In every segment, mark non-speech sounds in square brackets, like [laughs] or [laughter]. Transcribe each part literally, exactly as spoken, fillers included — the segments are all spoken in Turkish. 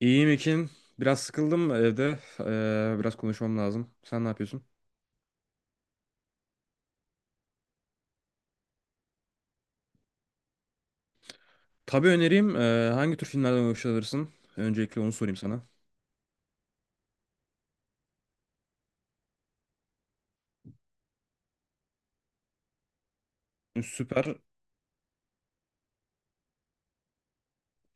İyiyim Ekin. Biraz sıkıldım evde. Ee, biraz konuşmam lazım. Sen ne yapıyorsun? Tabii önereyim. Ee, hangi tür filmlerden hoşlanırsın? Öncelikle onu sorayım sana. Süper.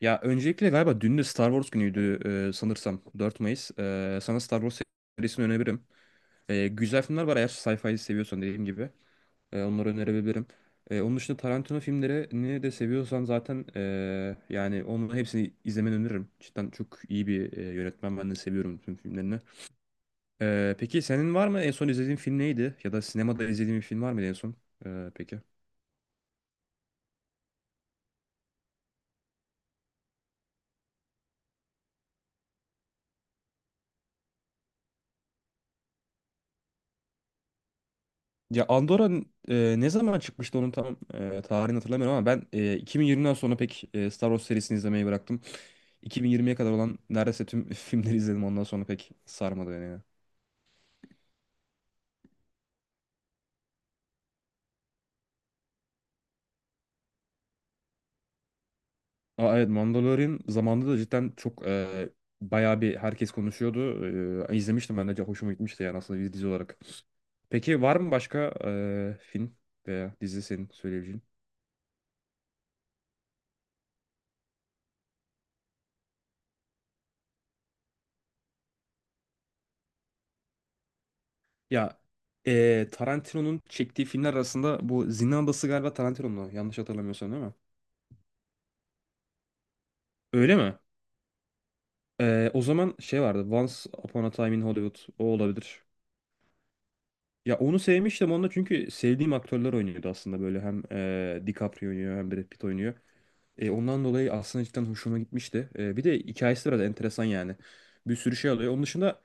Ya öncelikle galiba dün de Star Wars günüydü, e, sanırsam. dört Mayıs. Ee, sana Star Wars serisini önerebilirim. Ee, güzel filmler var, eğer sci-fi seviyorsan, dediğim gibi. Ee, onları önerebilirim. Ee, onun dışında Tarantino filmlerini de seviyorsan zaten ee, yani onun hepsini izlemeni öneririm. Cidden çok iyi bir e, yönetmen. Ben de seviyorum tüm filmlerini. Ee, peki senin var mı en son izlediğin film neydi? Ya da sinemada izlediğin bir film var mıydı en son? Ee, peki. Ya Andorra e, ne zaman çıkmıştı, onun tam e, tarihini hatırlamıyorum ama ben e, iki bin yirmiden sonra pek e, Star Wars serisini izlemeyi bıraktım. iki bin yirmiye kadar olan neredeyse tüm [laughs] filmleri izledim, ondan sonra pek sarmadı beni ya. Aa, evet, Mandalorian zamanında da cidden çok e, bayağı bir herkes konuşuyordu. E, izlemiştim ben de, hoşuma gitmişti yani, aslında bir dizi olarak. Peki var mı başka e, film veya dizi senin söyleyebileceğin? Ya eee, Tarantino'nun çektiği filmler arasında bu Zindan Adası galiba Tarantino'nun o, yanlış hatırlamıyorsam, değil mi? Öyle mi? Eee, o zaman şey vardı, Once Upon a Time in Hollywood, o olabilir. Ya onu sevmiştim, onda çünkü sevdiğim aktörler oynuyordu aslında, böyle hem eee DiCaprio oynuyor hem Brad Pitt oynuyor. E, ondan dolayı aslında cidden hoşuma gitmişti. E, bir de hikayesi biraz enteresan yani. Bir sürü şey alıyor. Onun dışında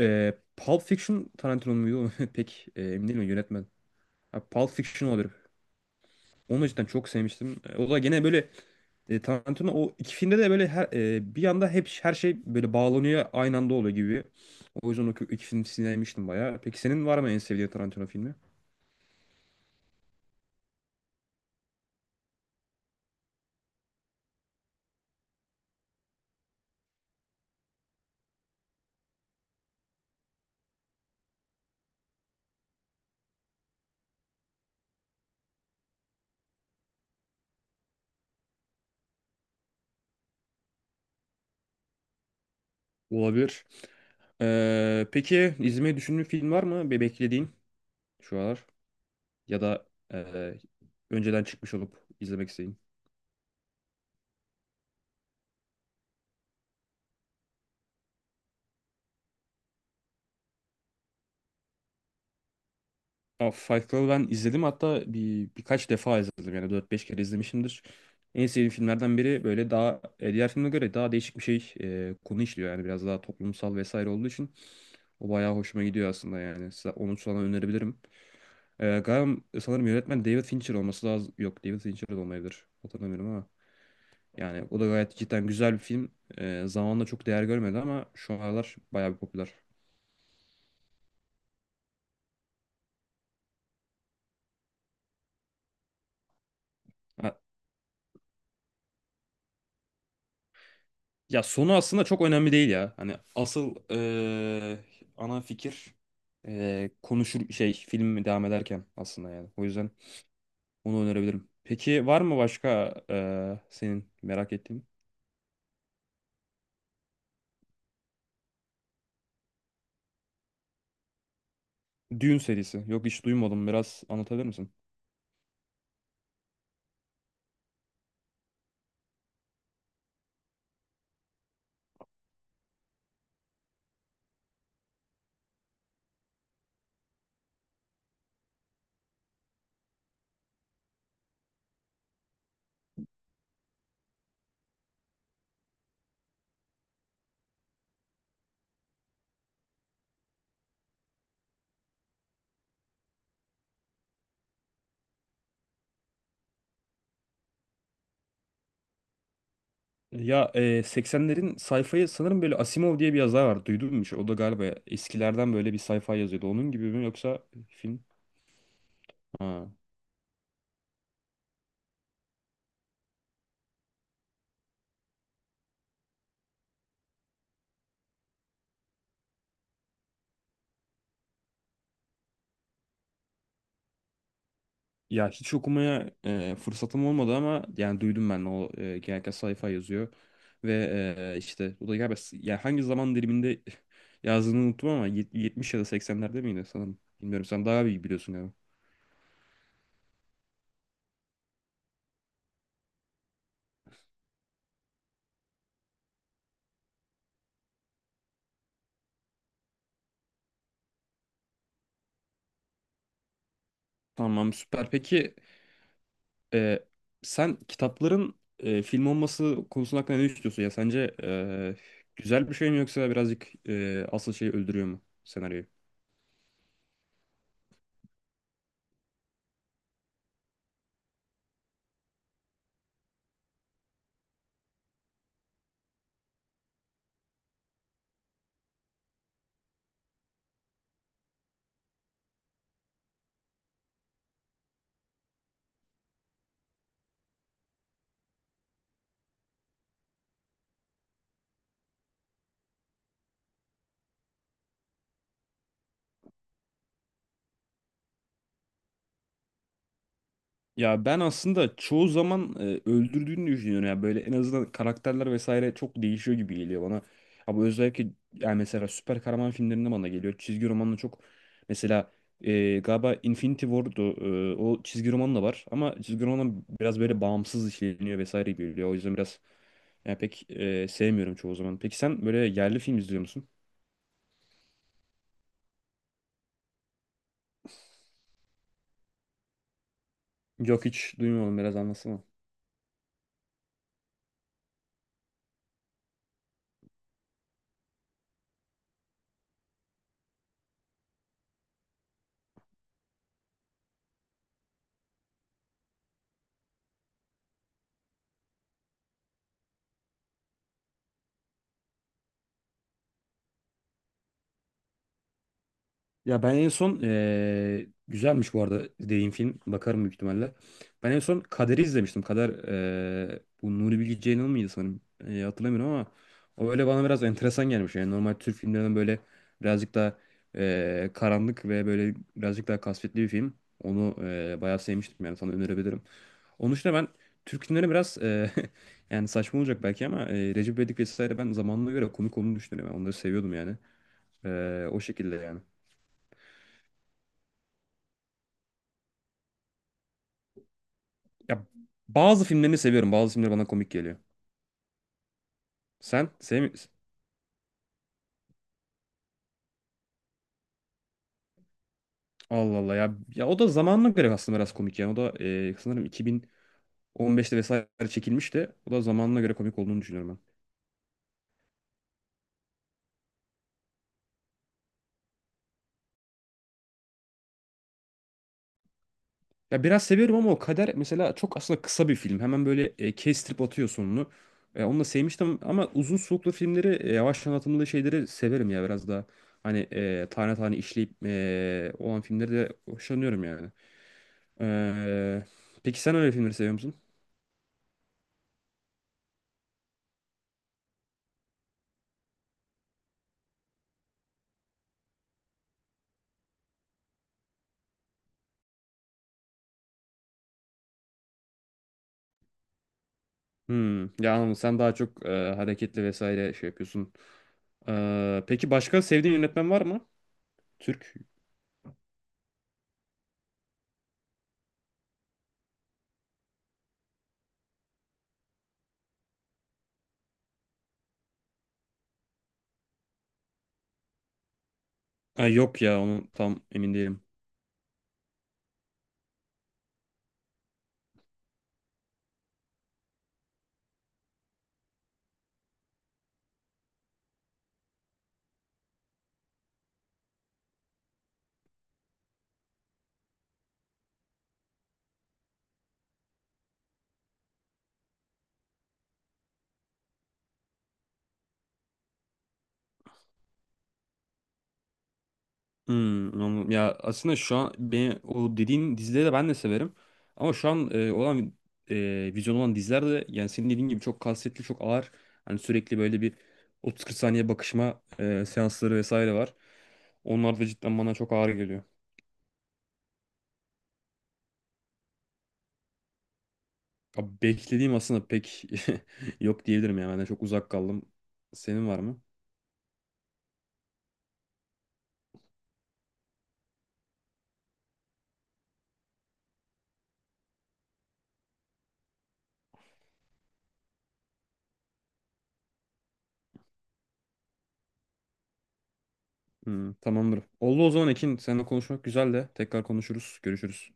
e, Pulp Fiction Tarantino muydu? [laughs] Pek e, emin değilim yönetmen. Ha, Pulp Fiction olabilir. Onu da cidden çok sevmiştim. E, O da gene böyle E, Tarantino o iki filmde de böyle, her e, bir yanda hep her şey böyle bağlanıyor, aynı anda oluyor gibi. O yüzden o kö- iki film sinirlenmiştim bayağı. Peki senin var mı en sevdiğin Tarantino filmi? Olabilir. Ee, peki izlemeyi düşündüğün film var mı? Be beklediğin şu aralar, ya da e, önceden çıkmış olup izlemek istediğin. Aa, Fight Club'ı ben izledim, hatta bir birkaç defa izledim, yani dört beş kere izlemişimdir. En sevdiğim filmlerden biri, böyle daha e, diğer filme göre daha değişik bir şey e, konu işliyor yani, biraz daha toplumsal vesaire olduğu için. O bayağı hoşuma gidiyor aslında yani. Sa- Onu sana önerebilirim. Ee, galiba e, sanırım yönetmen David Fincher olması lazım. Yok, David Fincher de olmayabilir. Hatırlamıyorum ama. Yani o da gayet cidden güzel bir film. Ee, zamanla çok değer görmedi ama şu aralar bayağı bir popüler. Ha, ya sonu aslında çok önemli değil ya. Hani asıl ee, ana fikir ee, konuşur şey, film devam ederken aslında yani. O yüzden onu önerebilirim. Peki var mı başka ee, senin merak ettiğin? Dune serisi. Yok, hiç duymadım. Biraz anlatabilir misin? Ya e, seksenlerin sayfayı sanırım, böyle Asimov diye bir yazar var. Duydun mu hiç? O da galiba eskilerden böyle bir sayfa yazıyordu. Onun gibi mi yoksa film? Ha. Ya hiç okumaya e, fırsatım olmadı ama yani duydum ben, o e, genellikle sayfa yazıyor. Ve e, işte o da galiba s- yani hangi zaman diliminde [laughs] yazdığını unuttum ama yet- yetmiş ya da seksenlerde miydi sanırım. Bilmiyorum, sen daha iyi biliyorsun galiba. Tamam, süper. Peki Ee, sen kitapların e, film olması konusunda, hakkında ne düşünüyorsun ya? Sence e, güzel bir şey mi yoksa birazcık e, asıl şeyi öldürüyor mu senaryoyu? Ya ben aslında çoğu zaman e, öldürdüğünü düşünüyorum ya, böyle en azından karakterler vesaire çok değişiyor gibi geliyor bana. Ama özellikle yani mesela süper kahraman filmlerinde bana geliyor. Çizgi romanla çok, mesela e, galiba Infinity War'du e, o çizgi roman da var ama çizgi roman biraz böyle bağımsız işleniyor vesaire gibi geliyor. O yüzden biraz yani pek e, sevmiyorum çoğu zaman. Peki sen böyle yerli film izliyor musun? Yok, hiç duymadım, biraz anlatsana. Ya ben en son eee, güzelmiş bu arada dediğin film. Bakarım büyük ihtimalle. Ben en son Kader'i izlemiştim. Kader eee, bu Nuri Bilge Ceylan mıydı sanırım? Eee, hatırlamıyorum ama, o öyle bana biraz enteresan gelmiş. Yani normal Türk filmlerinden böyle birazcık daha eee, karanlık ve böyle birazcık daha kasvetli bir film. Onu eee bayağı sevmiştim yani, sana önerebilirim. Onun dışında ben Türk filmleri biraz eee, [laughs] yani saçma olacak belki ama eee Recep İvedik vesaire, ben zamanına göre komik olduğunu düşünüyorum. Yani onları seviyordum yani. Eee, o şekilde yani. Ya, bazı filmlerini seviyorum. Bazı filmleri bana komik geliyor. Sen sevmiyorsun. Allah Allah ya. Ya o da zamanına göre aslında biraz komik yani. O da e, sanırım iki bin on beşte vesaire çekilmişti. O da zamanına göre komik olduğunu düşünüyorum ben. Ya biraz seviyorum ama o Kader mesela çok aslında kısa bir film. Hemen böyle e, kestirip atıyor sonunu. E, onu da sevmiştim ama uzun soluklu filmleri, e, yavaş anlatımlı şeyleri severim ya biraz daha. Hani e, tane tane işleyip e, olan filmleri de hoşlanıyorum yani. E, peki sen öyle filmleri seviyor. Hmm, ya anladım. Sen daha çok e, hareketli vesaire şey yapıyorsun. E, peki başka sevdiğin yönetmen var mı? Türk. Ha, yok ya, onu tam emin değilim. Hmm, anladım. Ya aslında şu an beni, o dediğin dizileri de ben de severim. Ama şu an e, olan e, vizyon olan diziler de yani senin dediğin gibi çok kasvetli, çok ağır. Hani sürekli böyle bir otuz kırk saniye bakışma e, seansları vesaire var. Onlar da cidden bana çok ağır geliyor. Abi beklediğim aslında pek [laughs] yok diyebilirim ya. Ben de çok uzak kaldım. Senin var mı? Hmm, tamamdır. Oldu o zaman Ekin. Seninle konuşmak güzel de. Tekrar konuşuruz. Görüşürüz.